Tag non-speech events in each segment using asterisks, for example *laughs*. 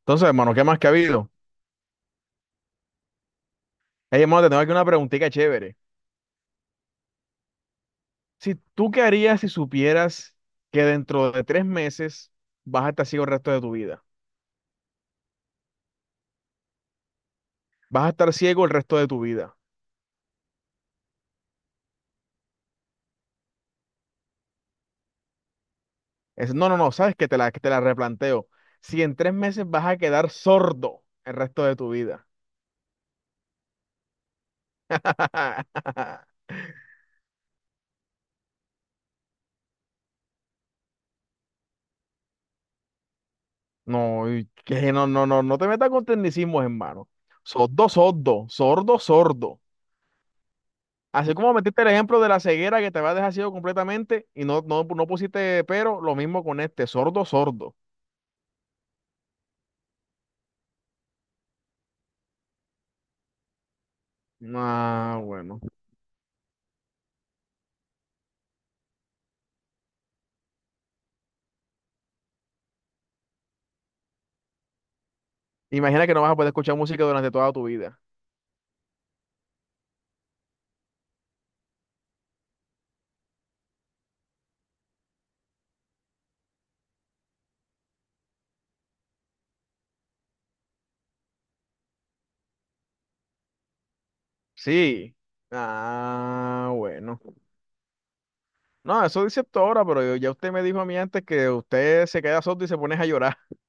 Entonces, hermano, ¿qué más que ha habido? Hey, hermano, te tengo aquí una preguntita chévere. Si tú qué harías si supieras que dentro de 3 meses vas a estar ciego el resto de tu vida. Vas a estar ciego el resto de tu vida. No, no, no, sabes que te la replanteo. Si en tres meses vas a quedar sordo el resto de tu vida. *laughs* No, y que no, no, no, no te metas con tecnicismos, hermano. Sordo, sordo, sordo, sordo. Así como metiste el ejemplo de la ceguera que te va a dejar ciego completamente y no, no, no pusiste pero, lo mismo con este, sordo, sordo. Ah, bueno. Imagina que no vas a poder escuchar música durante toda tu vida. Sí. Ah, bueno. No, eso dice esto ahora, pero ya usted me dijo a mí antes que usted se queda sordo y se pone a llorar. *laughs*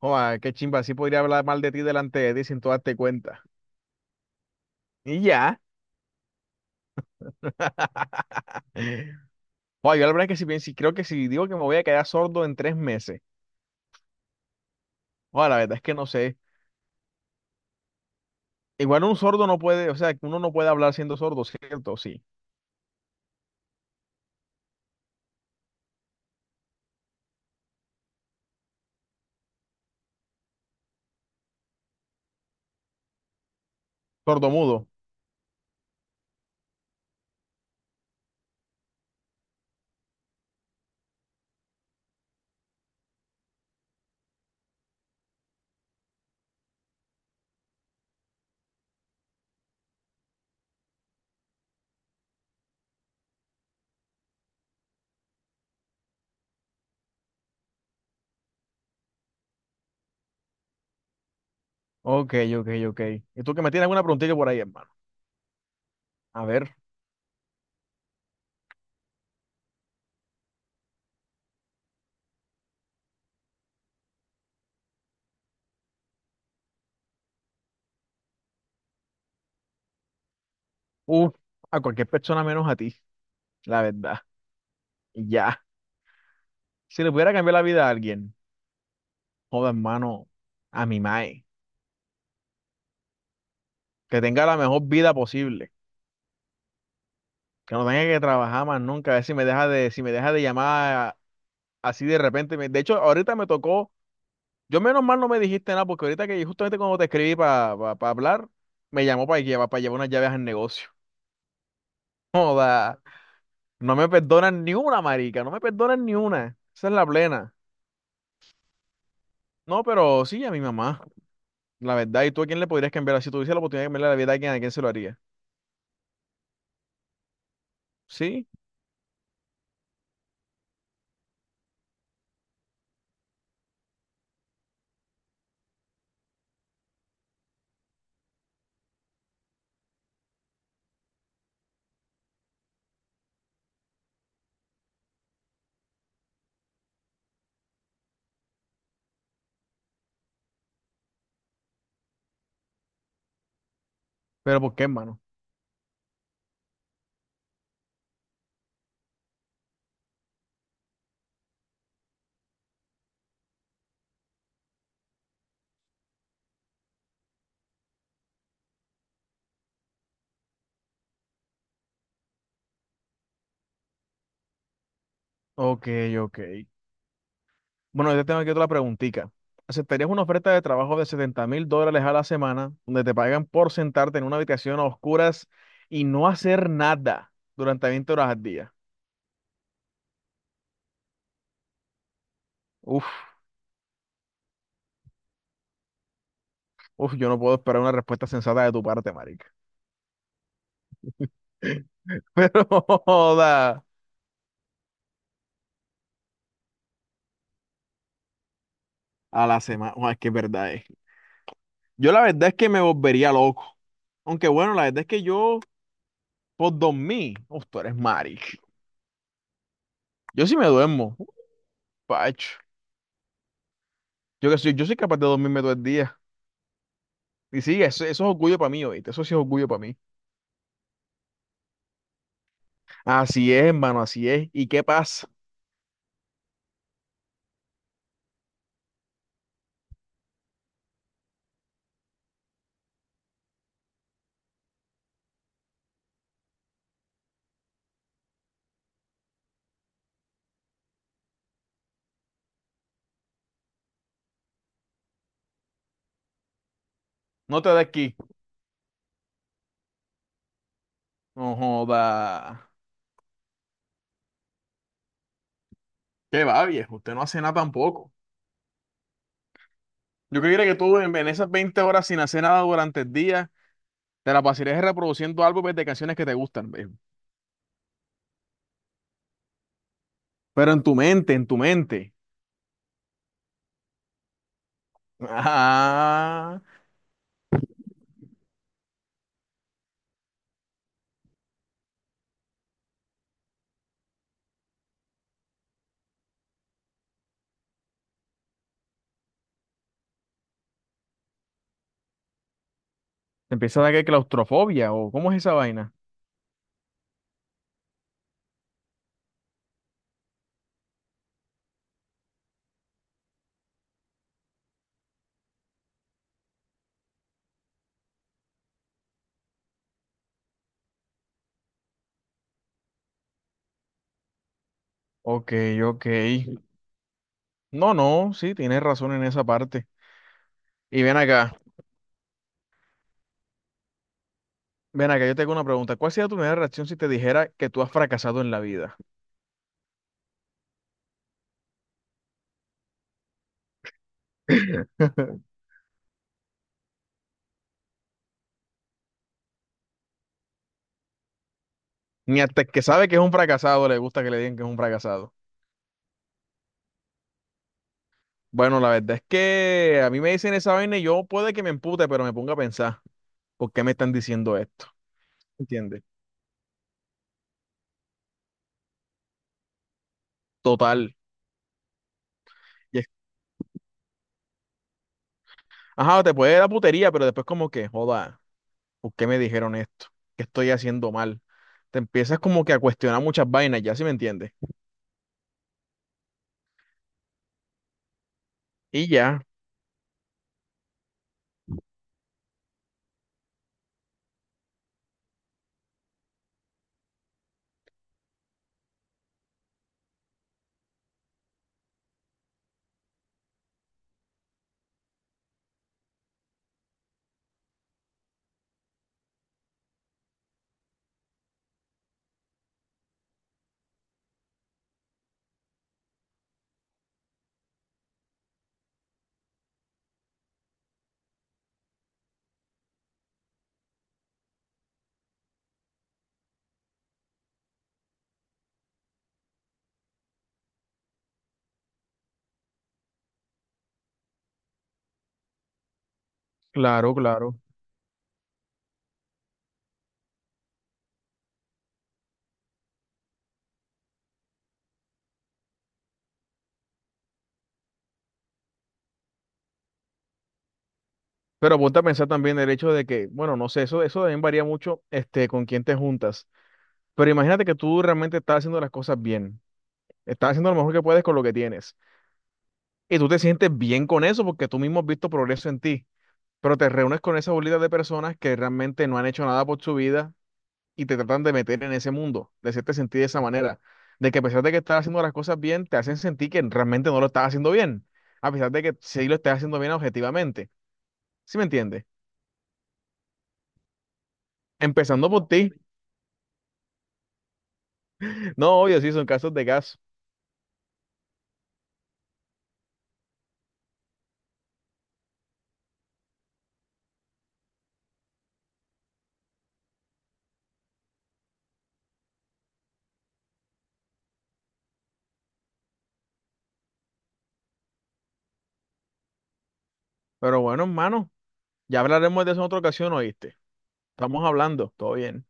Joder, qué chimba, así podría hablar mal de ti delante de ti sin tú darte cuenta. Y ya. *laughs* Joder, yo la verdad es que si creo que si digo que me voy a quedar sordo en 3 meses. Joder, la verdad es que no sé. Igual un sordo no puede, o sea, que uno no puede hablar siendo sordo, ¿cierto? Sí. Sordo mudo. Ok, ok, ok. ¿Y tú que me tienes alguna preguntita por ahí, hermano? A ver. Uf, a cualquier persona menos a ti, la verdad. Y ya. Si le pudiera cambiar la vida a alguien, joda, hermano, a mi mae. Que tenga la mejor vida posible. Que no tenga que trabajar más nunca. A ver si me deja de llamar así de repente. De hecho, ahorita me tocó. Yo menos mal no me dijiste nada, porque ahorita que justamente cuando te escribí para hablar, me llamó para llevar unas llaves al negocio. Joda, no me perdonan ni una, marica, no me perdonan ni una. Esa es la plena. No, pero sí, a mi mamá, la verdad. ¿Y tú a quién le podrías cambiar? Si tuviese la oportunidad de cambiarle la vida ¿a quién se lo haría? Sí, pero ¿por qué, hermano? Ok, ok. Bueno, yo te tengo aquí otra preguntita. ¿Aceptarías una oferta de trabajo de 70 mil dólares a la semana, donde te pagan por sentarte en una habitación a oscuras y no hacer nada durante 20 horas al día? Uf, uf, yo no puedo esperar una respuesta sensata de tu parte, marica. *laughs* Pero, joda. A la semana. Uah, es que es verdad es. Yo la verdad es que me volvería loco. Aunque bueno, la verdad es que yo, por dormir, uf, tú eres maric. Yo sí me duermo. Uf, Pacho. Yo soy capaz de dormirme todo el día. Y sí, eso es orgullo para mí, oíste. Eso sí es orgullo para mí. Así es, hermano, así es. ¿Y qué pasa? No te da aquí. No joda. Qué va, viejo. Usted no hace nada tampoco. Yo que quiere que tú en esas 20 horas sin hacer nada durante el día, te la pasarías reproduciendo álbumes de canciones que te gustan, viejo. Pero en tu mente, en tu mente. Ah, te empieza a dar que claustrofobia o ¿cómo es esa vaina? Ok, ok. No, no, sí, tienes razón en esa parte. Y ven acá, yo te hago una pregunta. ¿Cuál sería tu primera reacción si te dijera que tú has fracasado en la vida? *laughs* Ni hasta el que sabe que es un fracasado le gusta que le digan que es un fracasado. Bueno, la verdad es que a mí me dicen esa vaina y yo puede que me empute, pero me ponga a pensar, ¿por qué me están diciendo esto? ¿Entiendes? Total. Y es- Ajá, te puede dar putería, pero después como que, joda. ¿Por qué me dijeron esto? ¿Qué estoy haciendo mal? Te empiezas como que a cuestionar muchas vainas, ya si me entiendes. Y ya, claro, claro. Pero ponte a pensar también el hecho de que, bueno, no sé, eso también varía mucho este, con quién te juntas. Pero imagínate que tú realmente estás haciendo las cosas bien. Estás haciendo lo mejor que puedes con lo que tienes. Y tú te sientes bien con eso porque tú mismo has visto progreso en ti. Pero te reúnes con esa bolita de personas que realmente no han hecho nada por su vida y te tratan de meter en ese mundo, de hacerte sentir de esa manera, de que a pesar de que estás haciendo las cosas bien, te hacen sentir que realmente no lo estás haciendo bien, a pesar de que sí lo estás haciendo bien objetivamente. ¿Sí me entiendes? Empezando por ti. No, obvio, sí, son casos de caso. Pero bueno, hermano, ya hablaremos de eso en otra ocasión, ¿oíste? Estamos hablando, todo bien.